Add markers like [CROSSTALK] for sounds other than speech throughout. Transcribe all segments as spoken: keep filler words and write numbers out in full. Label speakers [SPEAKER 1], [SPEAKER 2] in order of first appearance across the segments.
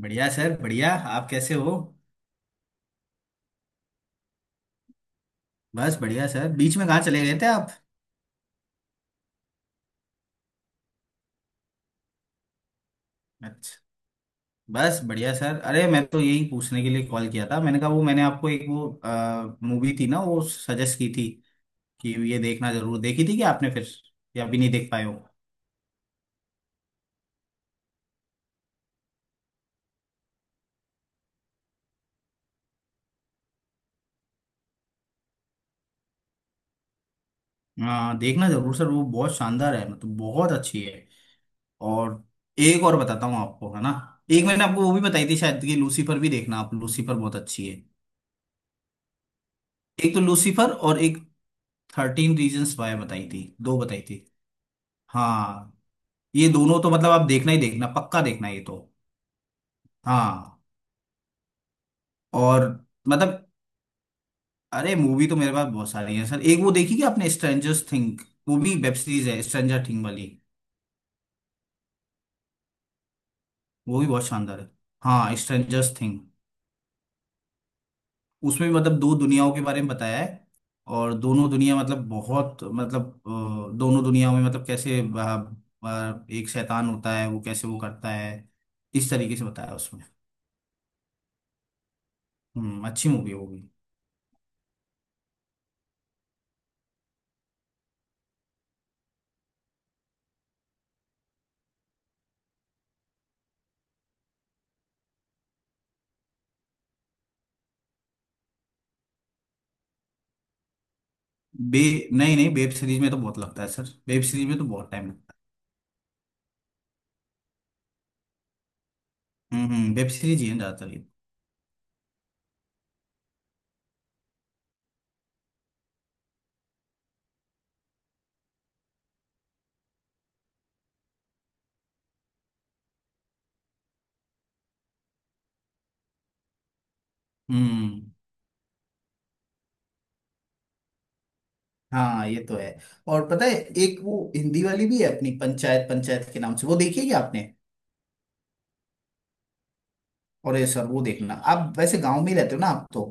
[SPEAKER 1] बढ़िया सर, बढ़िया। आप कैसे हो? बस बढ़िया सर। बीच में कहाँ चले गए थे आप? अच्छा। बस बढ़िया सर, अरे मैं तो यही पूछने के लिए कॉल किया था। मैंने कहा वो मैंने आपको एक वो मूवी थी ना, वो सजेस्ट की थी कि ये देखना जरूर। देखी थी कि आपने फिर या अभी नहीं देख पाए हो? हाँ, देखना जरूर सर। वो बहुत शानदार है, मतलब बहुत अच्छी है। और एक और बताता हूँ आपको, है ना। एक मैंने आपको वो भी बताई थी शायद कि लूसीफर भी देखना आप। लूसीफर बहुत अच्छी है। एक तो लूसीफर और एक थर्टीन रीजन्स वाई बताई थी। दो बताई थी हाँ। ये दोनों तो मतलब आप देखना ही देखना, पक्का देखना ये तो। हाँ। और मतलब, अरे मूवी तो मेरे पास बहुत सारी है सर। एक वो देखी क्या आपने, स्ट्रेंजर्स थिंग? वो भी वेब सीरीज है, स्ट्रेंजर थिंग वाली। वो भी बहुत शानदार है। हाँ, स्ट्रेंजर्स थिंग। उसमें भी मतलब दो दुनियाओं के बारे में बताया है। और दोनों दुनिया मतलब बहुत मतलब अ, दोनों दुनियाओं में मतलब कैसे अ, अ, एक शैतान होता है, वो कैसे वो करता है, इस तरीके से बताया है उसमें। हम्म, अच्छी मूवी है वो भी। बे नहीं नहीं, वेब सीरीज में तो बहुत लगता है सर। वेब सीरीज में तो बहुत टाइम लगता है। हम्म हम्म, वेब सीरीज ही है ज्यादातर ये। हम्म। हाँ, ये तो है। और पता है, एक वो हिंदी वाली भी है अपनी, पंचायत। पंचायत के नाम से, वो देखी है क्या आपने? और ये सर वो देखना आप। वैसे गांव में ही रहते हो ना आप तो।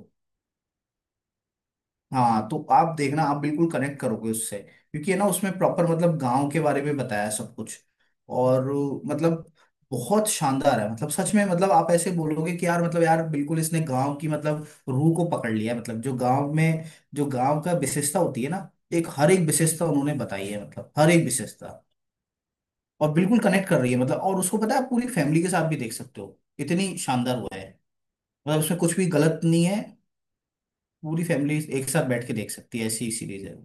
[SPEAKER 1] हाँ तो आप देखना, आप बिल्कुल कनेक्ट करोगे उससे। क्योंकि है ना, उसमें प्रॉपर मतलब गांव के बारे में बताया है सब कुछ। और मतलब बहुत शानदार है। मतलब सच में, मतलब आप ऐसे बोलोगे कि यार मतलब यार बिल्कुल इसने गांव की मतलब रूह को पकड़ लिया है। मतलब जो गांव में, जो गांव का विशेषता होती है ना, एक हर एक विशेषता उन्होंने बताई है। मतलब हर एक विशेषता, और बिल्कुल कनेक्ट कर रही है मतलब। और उसको पता है, आप पूरी फैमिली के साथ भी देख सकते हो, इतनी शानदार हुआ है। मतलब उसमें कुछ भी गलत नहीं है। पूरी फैमिली एक साथ बैठ के देख सकती है, ऐसी सीरीज है।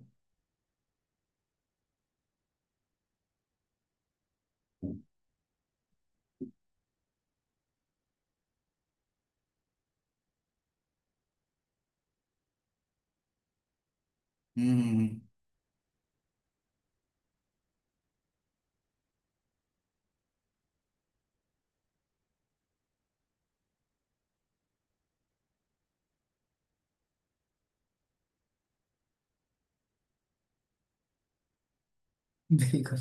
[SPEAKER 1] हम्म। बिल्कुल,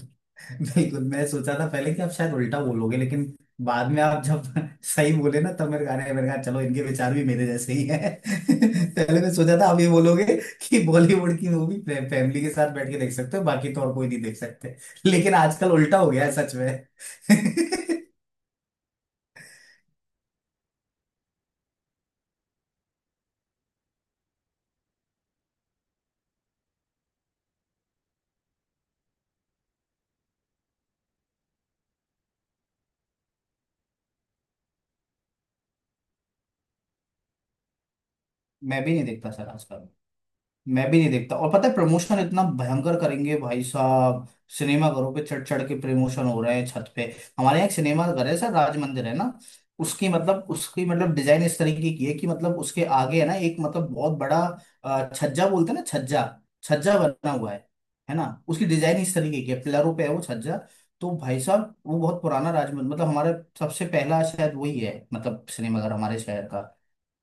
[SPEAKER 1] बिल्कुल मैं सोचा था पहले कि आप शायद उल्टा बोलोगे, लेकिन बाद में आप जब [LAUGHS] सही बोले ना, तब मेरे गाने मेरे कहा चलो, इनके विचार भी मेरे जैसे ही है। [LAUGHS] पहले मैं सोचा था आप ये बोलोगे कि बॉलीवुड की मूवी फै, फैमिली के साथ बैठ के देख सकते हो, बाकी तो और कोई नहीं देख सकते। लेकिन आजकल उल्टा हो गया है सच में। [LAUGHS] मैं भी नहीं देखता सर आजकल। मैं भी नहीं देखता। और पता है, प्रमोशन इतना भयंकर करेंगे भाई साहब। सिनेमा घरों पे चढ़ चढ़ के प्रमोशन हो रहे हैं, छत पे। हमारे यहाँ एक सिनेमा घर है सर, राज मंदिर है ना। उसकी मतलब उसकी मतलब डिजाइन इस तरीके की है कि मतलब उसके आगे है ना एक मतलब बहुत बड़ा अ, छज्जा बोलते हैं ना, छज्जा। छज्जा बना हुआ है है ना। उसकी डिजाइन इस तरीके की है, पिलरों पे है वो छज्जा। तो भाई साहब वो बहुत पुराना राज मंदिर, मतलब हमारा सबसे पहला शायद वही है, मतलब सिनेमाघर हमारे शहर का।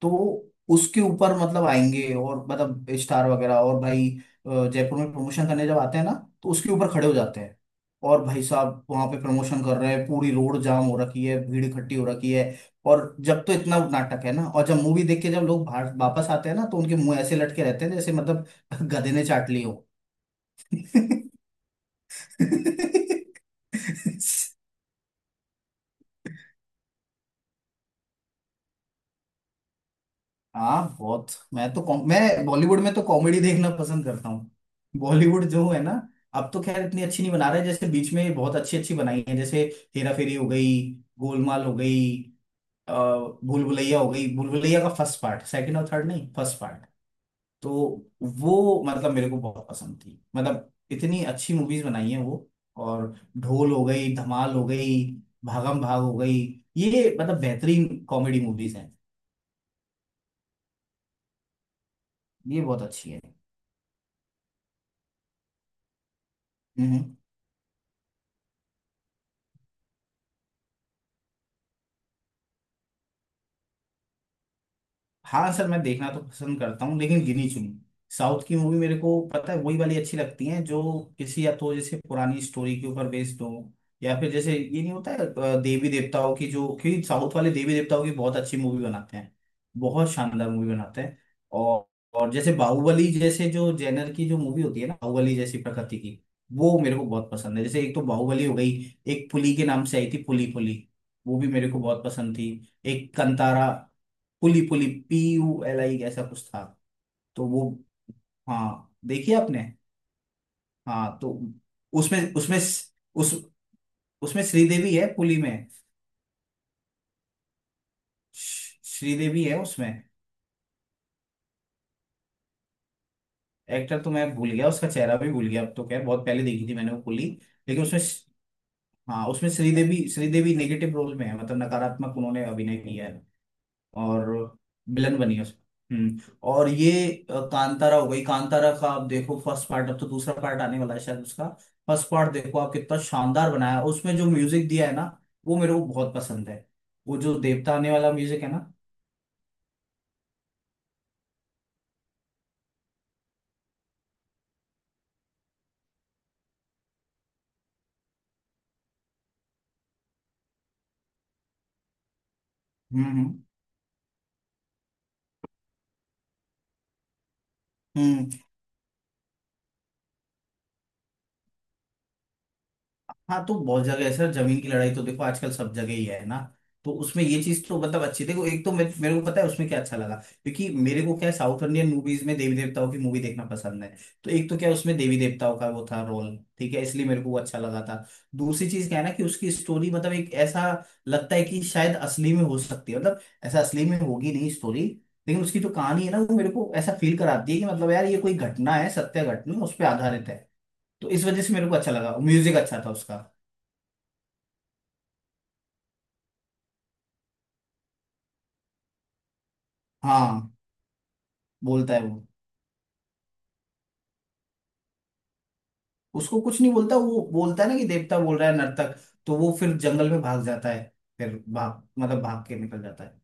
[SPEAKER 1] तो उसके ऊपर मतलब आएंगे, और मतलब स्टार वगैरह, और भाई अ, जयपुर में प्रमोशन करने जब आते हैं ना, तो उसके ऊपर खड़े हो जाते हैं। और भाई साहब वहां पे प्रमोशन कर रहे हैं, पूरी रोड जाम हो रखी है, भीड़ इकट्ठी हो रखी है। और जब तो इतना नाटक है ना, और जब मूवी देख के जब लोग बाहर वापस आते हैं ना, तो उनके मुंह ऐसे लटके रहते हैं जैसे मतलब [LAUGHS] गधे ने चाट ली हो। [LAUGHS] हाँ बहुत। मैं तो कॉम- मैं बॉलीवुड में तो कॉमेडी देखना पसंद करता हूँ। बॉलीवुड जो है ना, अब तो खैर इतनी अच्छी नहीं बना रहे, जैसे बीच में बहुत अच्छी अच्छी बनाई है, जैसे हेरा फेरी हो गई, गोलमाल हो गई, अ, भूल भुलैया हो गई। भूल भुलैया का फर्स्ट पार्ट, सेकंड और थर्ड नहीं, फर्स्ट पार्ट। तो वो मतलब मेरे को बहुत पसंद थी, मतलब इतनी अच्छी मूवीज बनाई है वो। और ढोल हो गई, धमाल हो गई, भागम भाग हो गई। ये मतलब बेहतरीन कॉमेडी मूवीज हैं। ये बहुत अच्छी है। हम्म, हम्म। हाँ सर, मैं देखना तो पसंद करता हूँ लेकिन गिनी चुनी। साउथ की मूवी मेरे को पता है वही वाली अच्छी लगती है, जो किसी या तो जैसे पुरानी स्टोरी के ऊपर बेस्ड हो, या फिर जैसे ये नहीं होता है अ, देवी देवताओं की जो, क्योंकि साउथ वाले देवी देवताओं की बहुत अच्छी मूवी बनाते हैं, बहुत शानदार मूवी बनाते हैं। और और जैसे बाहुबली, जैसे जो जेनर की जो मूवी होती है ना, बाहुबली जैसी प्रकृति की, वो मेरे को बहुत पसंद है। जैसे एक तो बाहुबली हो गई, एक पुली के नाम से आई थी, पुली पुली। वो भी मेरे को बहुत पसंद थी। एक Kantara. Puli, Puli P U L I, ऐसा कुछ था। तो वो, हाँ देखिए आपने। हाँ तो उसमें, उसमें उस उसमें श्रीदेवी है पुली में। श- श्रीदेवी है उसमें। एक्टर तो मैं भूल गया, उसका चेहरा भी भूल गया, अब तो खैर बहुत पहले देखी थी मैंने वो पुली। लेकिन उसमें श- हाँ उसमें श्रीदेवी श्रीदेवी नेगेटिव रोल में है, मतलब नकारात्मक उन्होंने अभिनय किया है। और विलन बनी है उसमें। हम्म। और ये अ, कांतारा हो गई। कांतारा का आप देखो फर्स्ट पार्ट, अब तो दूसरा पार्ट आने वाला है शायद उसका। फर्स्ट पार्ट देखो आप, कितना शानदार बनाया है। उसमें जो म्यूजिक दिया है ना, वो मेरे को बहुत पसंद है। वो जो देवता आने वाला म्यूजिक है ना, हम्म हम्म। हाँ तो बहुत जगह है सर, जमीन की लड़ाई तो देखो आजकल सब जगह ही है ना। तो उसमें ये चीज तो मतलब अच्छी, देखो एक तो मे, मेरे को पता है उसमें क्या अच्छा लगा, क्योंकि मेरे को क्या, साउथ इंडियन मूवीज में देवी देवताओं की मूवी देखना पसंद है। तो एक तो क्या, उसमें देवी देवताओं का वो था रोल, ठीक है, इसलिए मेरे को वो अच्छा लगा था। दूसरी चीज क्या है ना, कि उसकी स्टोरी मतलब एक ऐसा लगता है कि शायद असली में हो सकती है। मतलब ऐसा असली में होगी नहीं स्टोरी, लेकिन उसकी जो कहानी है ना, वो मेरे को ऐसा फील कराती है कि मतलब यार, ये कोई घटना है, सत्य घटना उस पर आधारित है। तो इस वजह से मेरे को अच्छा लगा, म्यूजिक अच्छा था उसका। हाँ, बोलता है वो। उसको कुछ नहीं बोलता। वो बोलता है ना कि देवता बोल रहा है नर्तक, तो वो फिर जंगल में भाग जाता है। फिर भाग, मतलब भाग के निकल जाता है।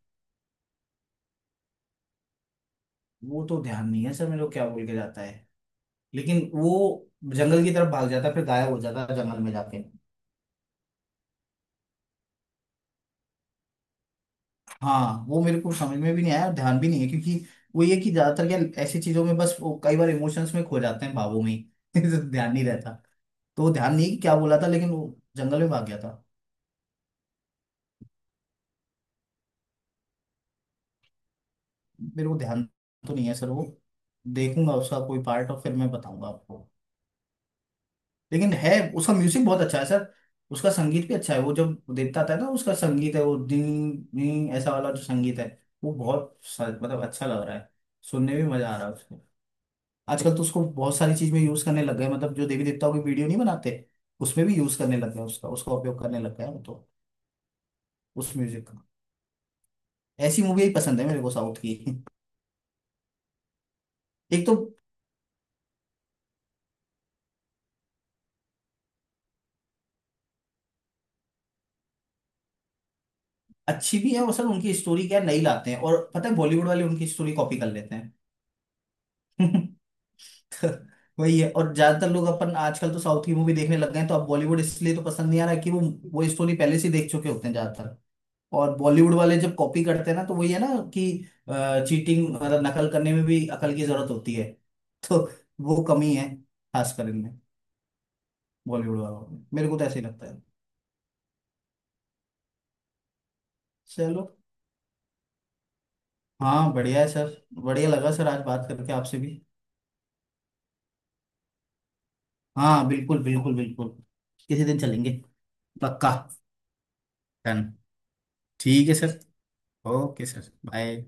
[SPEAKER 1] वो तो ध्यान नहीं है सर मेरे को क्या बोल के जाता है, लेकिन वो जंगल की तरफ भाग जाता है, फिर गायब हो जाता है जंगल में जाके। हाँ वो मेरे को समझ में भी नहीं आया, और ध्यान भी नहीं है, क्योंकि वो ये कि ज्यादातर क्या ऐसी चीजों में बस, वो कई बार इमोशंस में खो जाते हैं, भावों में ही। [LAUGHS] ध्यान नहीं रहता। तो वो ध्यान नहीं कि क्या बोला था, लेकिन वो जंगल में भाग गया था। मेरे को ध्यान तो नहीं है सर वो, देखूंगा उसका कोई पार्ट और फिर मैं बताऊंगा आपको। लेकिन है, उसका म्यूजिक बहुत अच्छा है सर। उसका संगीत भी अच्छा है। वो जब देवता आता है ना, उसका संगीत है वो डिंग डिंग ऐसा वाला जो संगीत है, वो बहुत सा- मतलब अच्छा लग रहा है, सुनने में मजा आ रहा है उसको। आजकल तो उसको बहुत सारी चीज में यूज करने लग गए, मतलब जो देवी देवताओं की वीडियो नहीं बनाते, उसमें भी यूज करने लग गए। उसका उसका उपयोग करने लग गए हैं वो तो, उस म्यूजिक का। ऐसी मूवी ही पसंद है मेरे को साउथ की। [LAUGHS] एक तो अच्छी भी है वो सर, उनकी स्टोरी क्या नई लाते हैं। और पता है, बॉलीवुड वाले उनकी स्टोरी कॉपी कर लेते हैं। [LAUGHS] तो वही है। और ज्यादातर लोग अपन आजकल तो साउथ की मूवी देखने लग गए हैं, तो अब बॉलीवुड इसलिए तो पसंद नहीं आ रहा कि वो वो स्टोरी पहले से देख चुके होते हैं ज्यादातर। और बॉलीवुड वाले जब कॉपी करते हैं ना, तो वही है ना कि चीटिंग मतलब नकल करने में भी अकल की जरूरत होती है। [LAUGHS] तो वो कमी है, खासकर इनमें, बॉलीवुड वालों में मेरे को तो ऐसे ही लगता है। चलो। हाँ, बढ़िया है सर, बढ़िया लगा सर आज बात करके आपसे भी। हाँ बिल्कुल बिल्कुल बिल्कुल, किसी दिन चलेंगे। पक्का। डन। ठीक है सर। Okay sir, bye.